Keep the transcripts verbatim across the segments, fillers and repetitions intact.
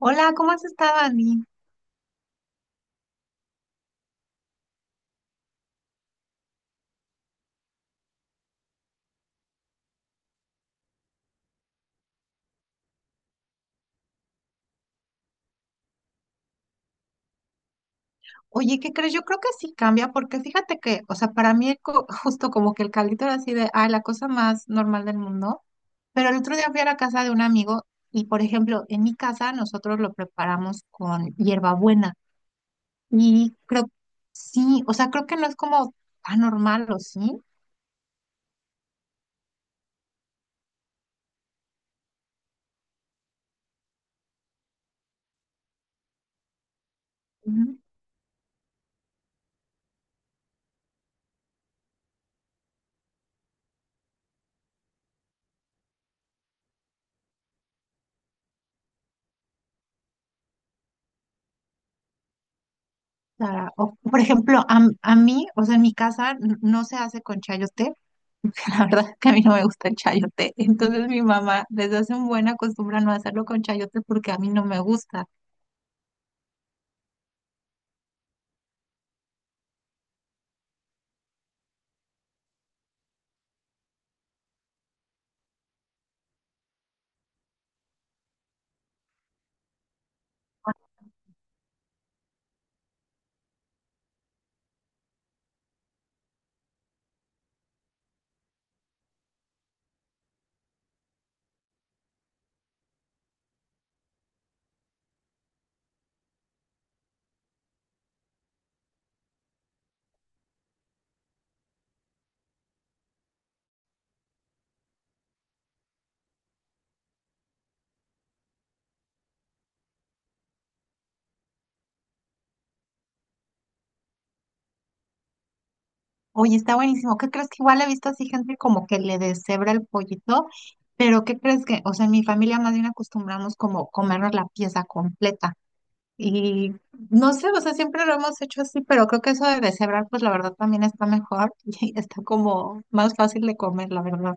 Hola, ¿cómo has estado, Ani? Oye, ¿qué crees? Yo creo que sí cambia, porque fíjate que, o sea, para mí, co- justo como que el caldito era así de, ay, la cosa más normal del mundo. Pero el otro día fui a la casa de un amigo y, por ejemplo, en mi casa nosotros lo preparamos con hierbabuena. Y creo, sí, o sea, creo que no es como tan normal, ¿o sí? Ujú. O sea, o, por ejemplo, a, a mí, o sea, en mi casa n- no se hace con chayote. La verdad es que a mí no me gusta el chayote. Entonces mi mamá desde hace un buen acostumbra no hacerlo con chayote porque a mí no me gusta. Oye, está buenísimo. ¿Qué crees? Que igual he visto así gente como que le deshebra el pollito. Pero ¿qué crees? Que? O sea, en mi familia más bien acostumbramos como comernos la pieza completa. Y no sé, o sea, siempre lo hemos hecho así, pero creo que eso de deshebrar, pues la verdad también está mejor y está como más fácil de comer, la verdad.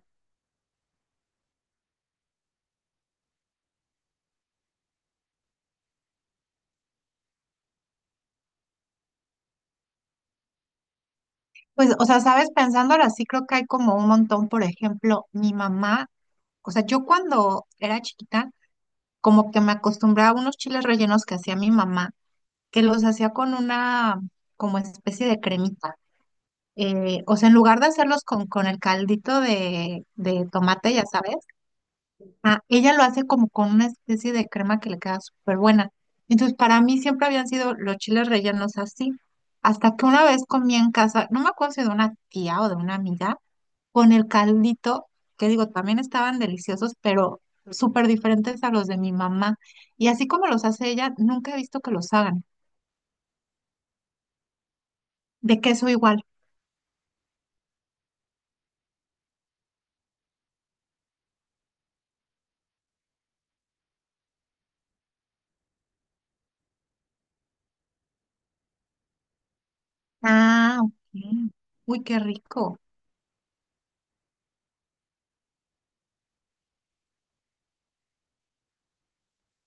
Pues, o sea, sabes, pensándolo así, creo que hay como un montón. Por ejemplo, mi mamá, o sea, yo cuando era chiquita, como que me acostumbraba a unos chiles rellenos que hacía mi mamá, que los hacía con una como especie de cremita. Eh, o sea, en lugar de hacerlos con, con el caldito de, de tomate, ya sabes, ah, ella lo hace como con una especie de crema que le queda súper buena. Entonces, para mí siempre habían sido los chiles rellenos así, hasta que una vez comí en casa, no me acuerdo si de una tía o de una amiga, con el caldito, que digo, también estaban deliciosos, pero súper diferentes a los de mi mamá. Y así como los hace ella, nunca he visto que los hagan. De queso igual. Ah, ok. Uy, qué rico.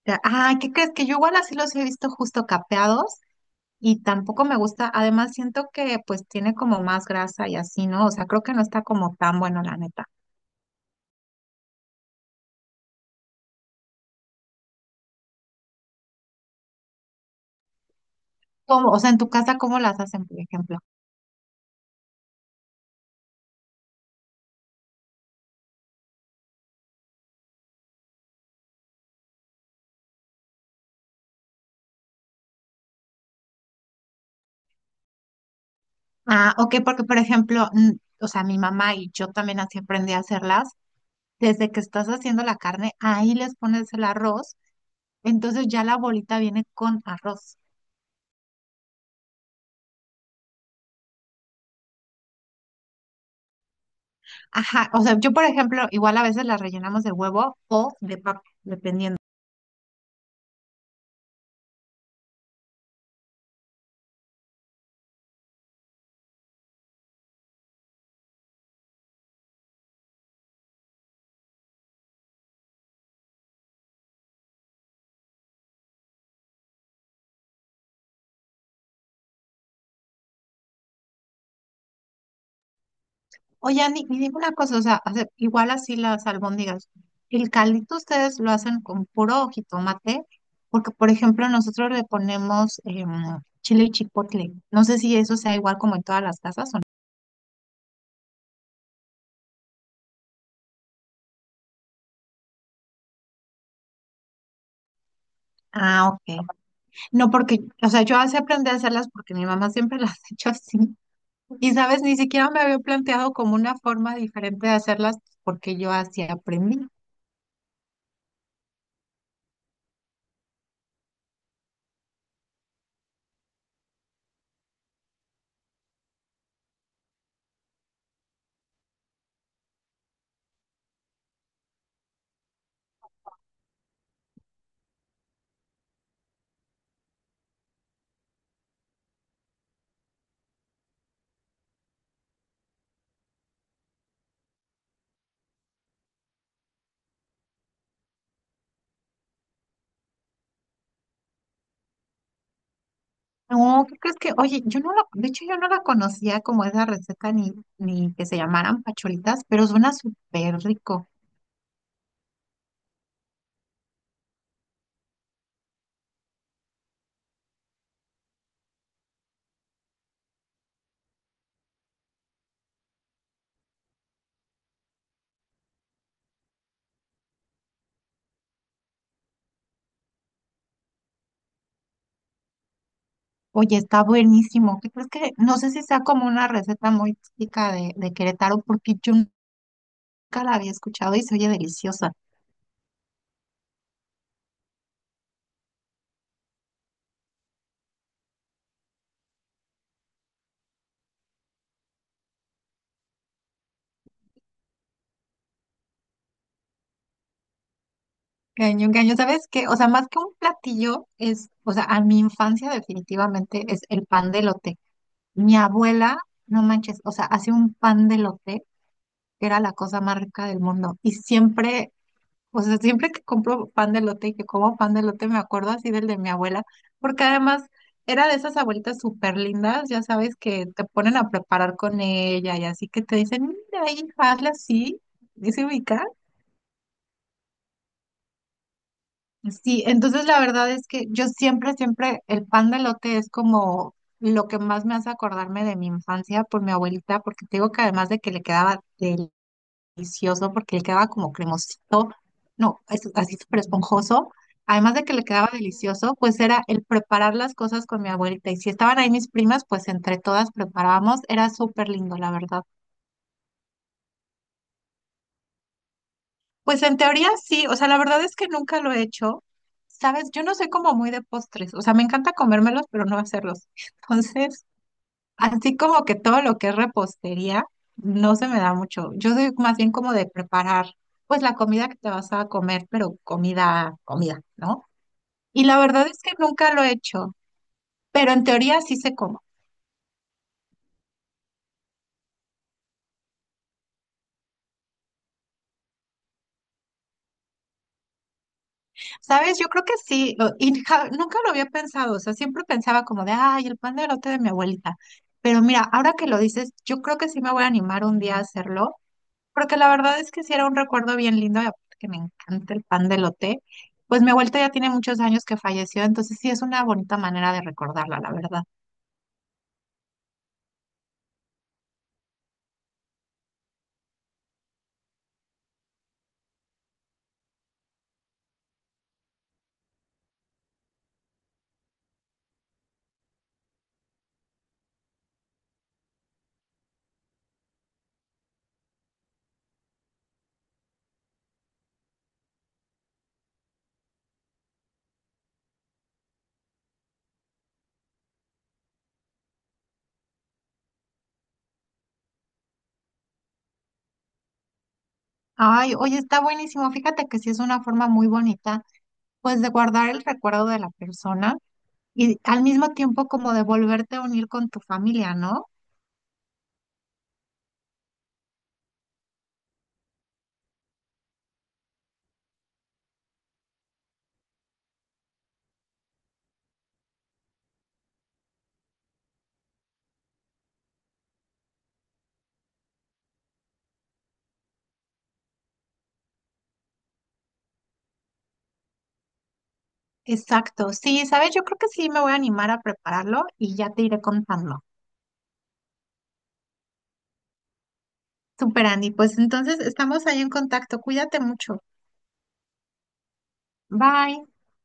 Ya- Ay, ¿qué crees? Que yo igual así los he visto justo capeados y tampoco me gusta. Además, siento que pues tiene como más grasa y así, ¿no? O sea, creo que no está como tan bueno, la neta. ¿Cómo? O sea, en tu casa, ¿cómo las hacen, por ejemplo? Ah, ok, porque por ejemplo, mm, o sea, mi mamá y yo también así aprendí a hacerlas desde que estás haciendo la carne, ahí les pones el arroz, entonces ya la bolita viene con arroz. Ajá, o sea, yo por ejemplo, igual a veces la rellenamos de huevo o de papa, dependiendo. Oye, Ani, y dime una cosa, o sea, hace- igual así las albóndigas, el caldito ustedes lo hacen con puro jitomate, porque por ejemplo nosotros le ponemos em, chile y chipotle. No sé si eso sea igual como en todas las casas o no. Ah, ok. No, porque, o sea, yo así aprendí a hacerlas porque mi mamá siempre las ha hecho así. Y sabes, ni siquiera me había planteado como una forma diferente de hacerlas porque yo así aprendí. No, ¿qué crees? Que? Oye, yo no la, de hecho yo no la conocía como esa receta ni, ni que se llamaran pacholitas, pero suena súper rico. Oye, está buenísimo. ¿Qué crees? Que? No sé si sea como una receta muy típica de, de Querétaro porque yo nunca la había escuchado y se oye deliciosa. Cañón, cañón, ¿sabes qué? O sea, más que un platillo es, o sea, a mi infancia definitivamente es el pan de elote. Mi abuela, no manches, o sea, hacía un pan de lote que era la cosa más rica del mundo. Y siempre, o sea, siempre que compro pan de lote y que como pan de lote me acuerdo así del de mi abuela, porque además era de esas abuelitas súper lindas, ya sabes, que te ponen a preparar con ella y así, que te dicen, mira, hija, hazle así, dice se Sí, entonces la verdad es que yo siempre, siempre, el pan de elote es como lo que más me hace acordarme de mi infancia por mi abuelita, porque te digo que además de que le quedaba delicioso, porque le quedaba como cremosito, no, es así súper esponjoso, además de que le quedaba delicioso, pues era el preparar las cosas con mi abuelita. Y si estaban ahí mis primas, pues entre todas preparábamos, era súper lindo, la verdad. Pues en teoría sí, o sea, la verdad es que nunca lo he hecho. Sabes, yo no soy como muy de postres, o sea, me encanta comérmelos, pero no hacerlos. Entonces, así como que todo lo que es repostería no se me da mucho. Yo soy más bien como de preparar, pues la comida que te vas a comer, pero comida, comida, ¿no? Y la verdad es que nunca lo he hecho, pero en teoría sí sé cómo. ¿Sabes? Yo creo que sí, o- y ja- nunca lo había pensado, o sea, siempre pensaba como de, ay, el pan de elote de mi abuelita. Pero mira, ahora que lo dices, yo creo que sí me voy a animar un día a hacerlo, porque la verdad es que sí era un recuerdo bien lindo, y aparte que me encanta el pan de elote. Pues mi abuelita ya tiene muchos años que falleció, entonces sí es una bonita manera de recordarla, la verdad. Ay, oye, está buenísimo, fíjate que sí es una forma muy bonita, pues de guardar el recuerdo de la persona y al mismo tiempo como de volverte a unir con tu familia, ¿no? Exacto, sí, sabes, yo creo que sí me voy a animar a prepararlo y ya te iré contando. Super Andy, pues entonces estamos ahí en contacto, cuídate mucho. Bye.